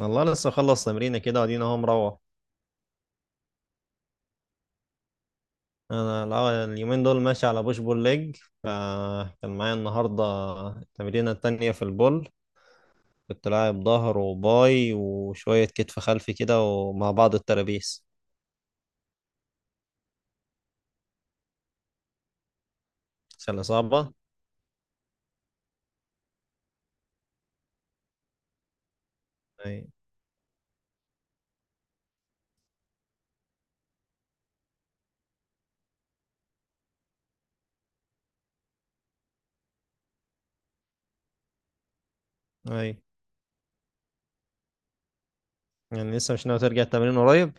والله لسه خلص تمرينة كده وادينا اهو مروح. اليومين دول ماشي على بوش بول ليج، فكان معايا النهاردة التمرينة التانية في البول. كنت لاعب ظهر وباي وشوية كتف خلفي كده ومع بعض الترابيس. سلة صعبة. اي، اي. يعني لسه مش ناوي ترجع التمرين قريب؟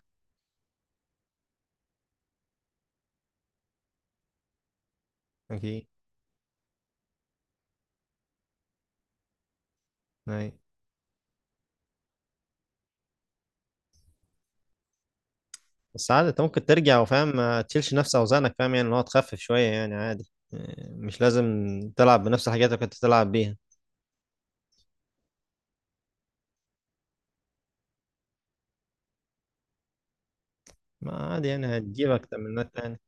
اكيد. اي. بس عادي انت ممكن ترجع وفاهم ما تشيلش نفس اوزانك، فاهم، يعني ان هو تخفف شوية يعني عادي، إيه، مش لازم تلعب بنفس الحاجات اللي كنت تلعب بيها. ما عادي يعني هتجيبك تمرينات تاني.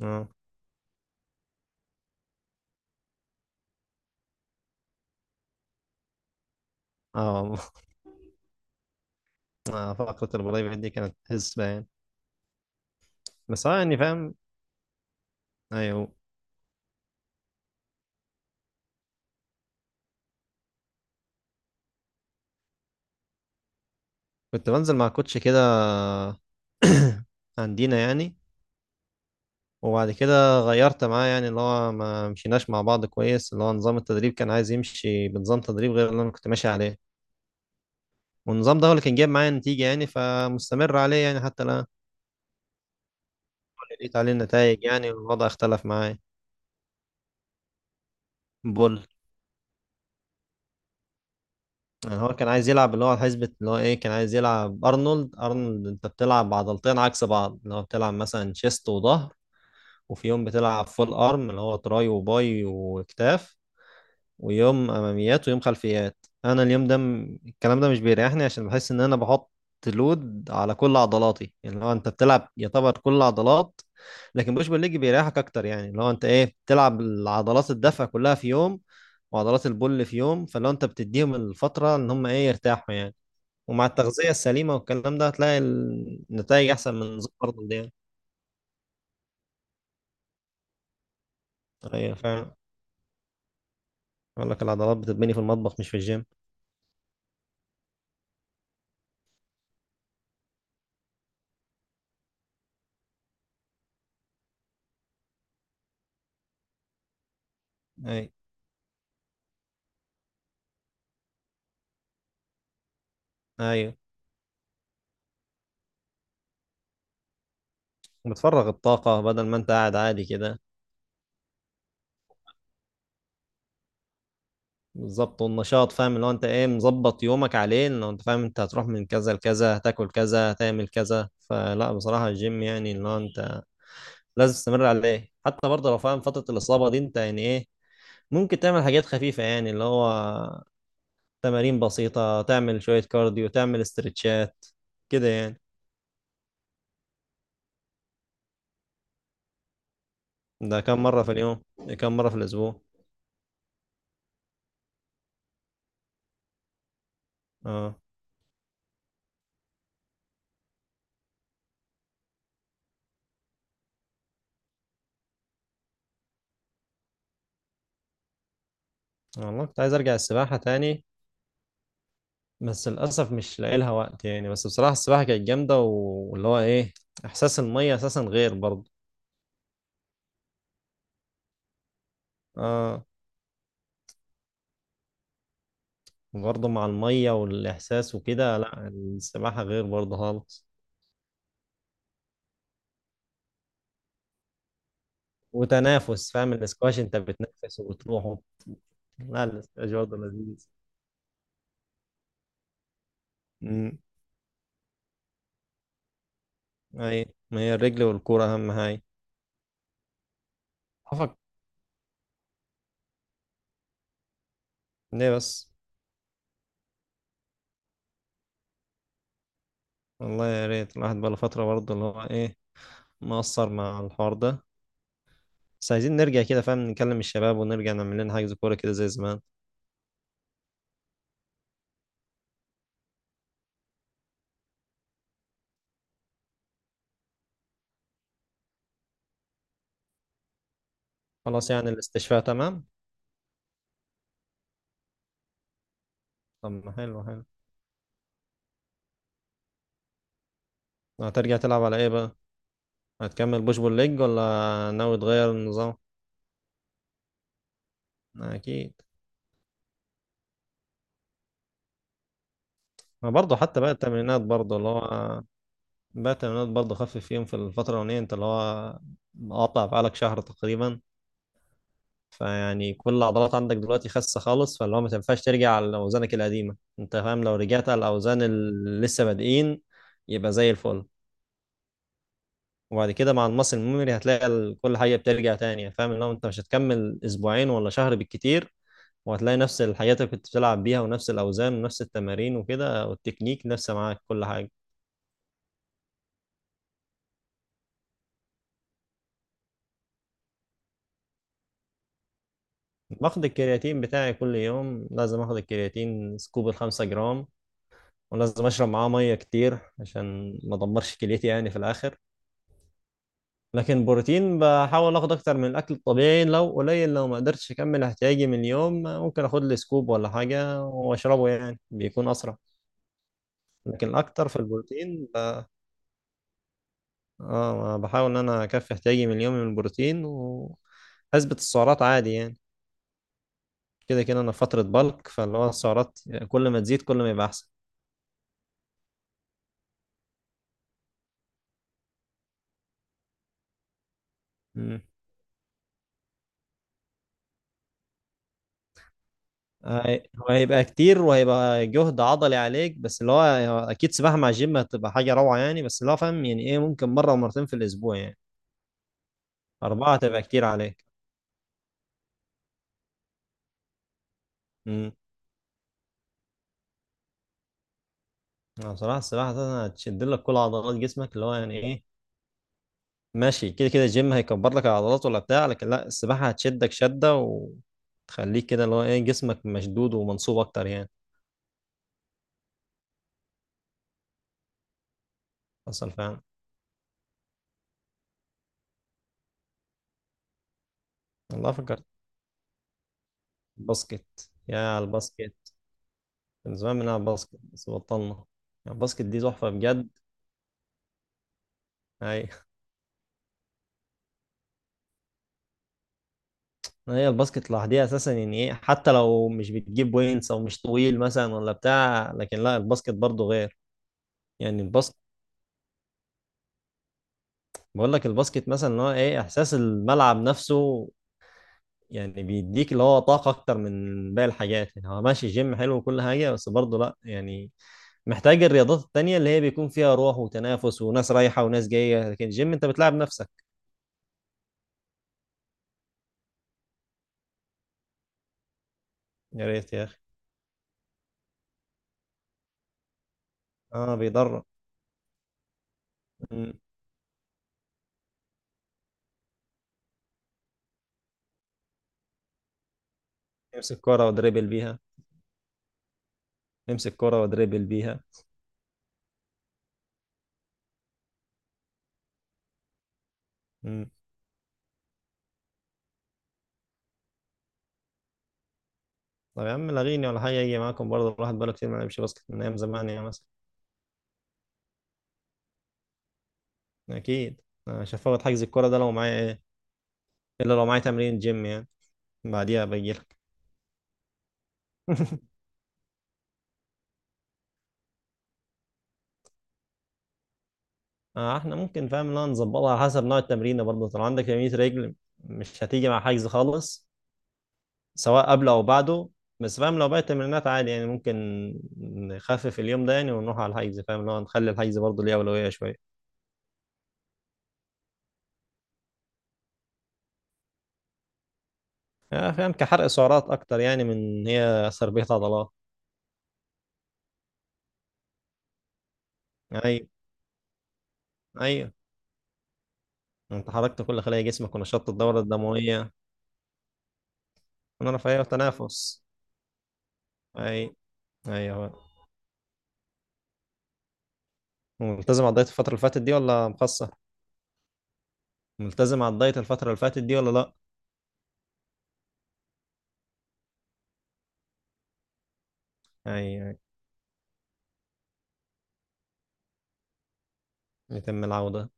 اه، اه. فقرة البلاي بيت دي كانت حسبة يعني. بس يعني فاهم. ايوه. كنت بنزل مع كوتش كده. عندنا يعني. وبعد كده غيرت معاه، يعني اللي هو ما مشيناش مع بعض كويس، اللي هو نظام التدريب كان عايز يمشي بنظام تدريب غير اللي انا كنت ماشي عليه. والنظام ده هو اللي كان جايب معايا نتيجة يعني، فمستمر عليه يعني حتى الآن. لقيت عليه النتائج يعني، والوضع اختلف معايا. بول. يعني هو كان عايز يلعب اللي هو حسبة، اللي هو ايه، كان عايز يلعب ارنولد. ارنولد انت بتلعب عضلتين عكس بعض، اللي هو بتلعب مثلا شيست وظهر، وفي يوم بتلعب فول ارم اللي هو تراي وباي وكتاف، ويوم اماميات ويوم خلفيات. انا اليوم ده الكلام ده مش بيريحني، عشان بحس ان انا بحط لود على كل عضلاتي، يعني لو انت بتلعب يعتبر كل عضلات. لكن بوش بول ليج بيريحك اكتر، يعني لو انت ايه بتلعب العضلات الدفع كلها في يوم، وعضلات البول في يوم، فلو انت بتديهم الفترة ان هم ايه يرتاحوا يعني. ومع التغذية السليمة والكلام ده هتلاقي النتائج أحسن من نظام برضه دي. أيوة، فعلا. يقول لك العضلات بتتبني في المطبخ مش في الجيم. أيوة. أيوة، وبتفرغ الطاقة بدل ما أنت قاعد عادي كده. بالظبط، والنشاط فاهم، اللي هو أنت إيه مظبط يومك عليه، لو أنت فاهم أنت هتروح من كذا لكذا هتاكل كذا هتعمل كذا. فلا بصراحة الجيم يعني اللي هو أنت لازم تستمر عليه، حتى برضه لو فاهم فترة الإصابة دي، أنت يعني إيه ممكن تعمل حاجات خفيفة، يعني اللي هو تمارين بسيطة، تعمل شوية كارديو، تعمل استرتشات كده يعني. ده كم مرة في اليوم؟ ده كم مرة في الأسبوع؟ اه. والله كنت عايز أرجع السباحة تاني، بس للأسف مش لاقي لها وقت يعني. بس بصراحة السباحة كانت جامدة، واللي هو إيه، إحساس المية أساسا غير برضه. اه. برضه مع المية والإحساس وكده، لا السباحة غير برضه خالص. وتنافس، فاهم الاسكواش انت بتنفس وبتروحه. لا الاسكواش برضه لذيذ. امم. اي، ما هي الرجل والكورة أهم حاجة. ليه بس؟ والله يا ريت، الواحد بقاله فترة برضه اللي هو ايه مقصر مع الحوار ده. بس عايزين نرجع كده فاهم نكلم الشباب ونرجع نعمل لنا حجز كورة كده زي زمان. خلاص يعني الاستشفاء تمام. طب، ما حلو، حلو. هترجع تلعب على ايه بقى؟ هتكمل بوش بول ليج ولا ناوي تغير النظام؟ اكيد. ما برضه حتى بقى التمرينات برضه اللي هو، بقى التمرينات برضه خفف فيهم في الفترة الأولانية انت اللي هو مقاطع بقالك شهر تقريبا. فيعني كل العضلات عندك دلوقتي خاسة خالص، فاللي هو ما تنفعش ترجع على أوزانك القديمة، أنت فاهم لو رجعت على الأوزان اللي لسه بادئين يبقى زي الفل. وبعد كده مع المصل الميموري هتلاقي كل حاجة بترجع تاني، فاهم اللي هو أنت مش هتكمل أسبوعين ولا شهر بالكتير. وهتلاقي نفس الحاجات اللي كنت بتلعب بيها ونفس الأوزان ونفس التمارين وكده، والتكنيك نفسه معاك كل حاجة. باخد الكرياتين بتاعي كل يوم، لازم اخد الكرياتين سكوب 5 جرام. ولازم اشرب معاه مية كتير عشان ما ادمرش كليتي يعني في الآخر. لكن بروتين بحاول اخد اكتر من الاكل الطبيعي، لو قليل لو ما قدرتش اكمل احتياجي من اليوم ممكن اخد لي سكوب ولا حاجه واشربه يعني بيكون اسرع. لكن الاكتر في البروتين. اه، بحاول ان انا اكفي احتياجي من اليوم من البروتين واثبت السعرات عادي يعني. كده كده انا في فتره بالك، فاللي هو السعرات كل ما تزيد كل ما يبقى احسن. مم. هو هيبقى كتير وهيبقى جهد عضلي عليك، بس اللي هو اكيد سباحه مع الجيم هتبقى حاجه روعه يعني، بس اللي هو فاهم يعني ايه ممكن مره ومرتين في الاسبوع يعني. أربعة تبقى كتير عليك. امم. أنا بصراحة السباحة أساسا هتشد لك كل عضلات جسمك، اللي هو يعني إيه ماشي كده كده الجيم هيكبر لك العضلات ولا بتاع، لكن لا السباحة هتشدك شدة وتخليك كده اللي هو إيه جسمك مشدود ومنصوب أكتر يعني. حصل فعلا. والله فكرت الباسكت، يا على الباسكت. من زمان بنلعب باسكت بس بطلنا. يعني الباسكت دي تحفة بجد. أي. هي الباسكت لوحدها أساسا يعني إيه، حتى لو مش بتجيب وينس أو مش طويل مثلا ولا بتاع، لكن لا الباسكت برضه غير. يعني الباسكت، بقول لك الباسكت مثلا ان هو ايه احساس الملعب نفسه، يعني بيديك اللي هو طاقه اكتر من باقي الحاجات. يعني هو ماشي جيم حلو وكل حاجه، بس برضه لا يعني محتاج الرياضات التانية اللي هي بيكون فيها روح وتنافس وناس رايحه وناس جايه، لكن الجيم انت بتلعب نفسك. يا ريت يا اخي. اه، بيضر. مم. امسك كرة ودريبل بيها. امسك كرة ودريبل بيها. مم. طب يا عم لغيني ولا حاجه يجي معاكم برضه الواحد بقاله كتير ما لعبش باسكت من ايام زمان يعني مثلا. اكيد. أنا مش هفوت حجز الكرة ده لو معايا ايه، الا لو معايا تمرين جيم يعني. بعديها بجيلك. احنا ممكن فاهم ان انا نظبطها على حسب نوع التمرين، برضه طالما عندك تمرين رجل مش هتيجي مع حجز خالص سواء قبله او بعده. بس فاهم لو باقي التمرينات عادي يعني ممكن نخفف اليوم ده يعني ونروح على الحجز، فاهم لو نخلي الحجز برضه ليه اولويه شويه. فاهم كحرق سعرات اكتر يعني من هي تربيه عضلات. ايوه، ايوه. انت حركت كل خلايا جسمك ونشطت الدوره الدمويه. ونرفع، ايوه، التنافس. اي. ايوه. ملتزم على الدايت الفتره اللي فاتت دي ولا مخصص؟ ملتزم على الدايت الفترة اللي فاتت دي ولا لأ؟ يعني يتم العودة.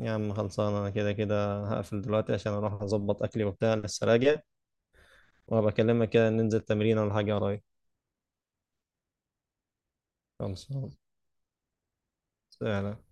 يا عم خلصانة، أنا كده كده هقفل دلوقتي عشان أروح أظبط أكلي وبتاع لسه راجع. وهبقى أكلمك كده ننزل تمرين ولا حاجة قريب. خلصانة. سلام.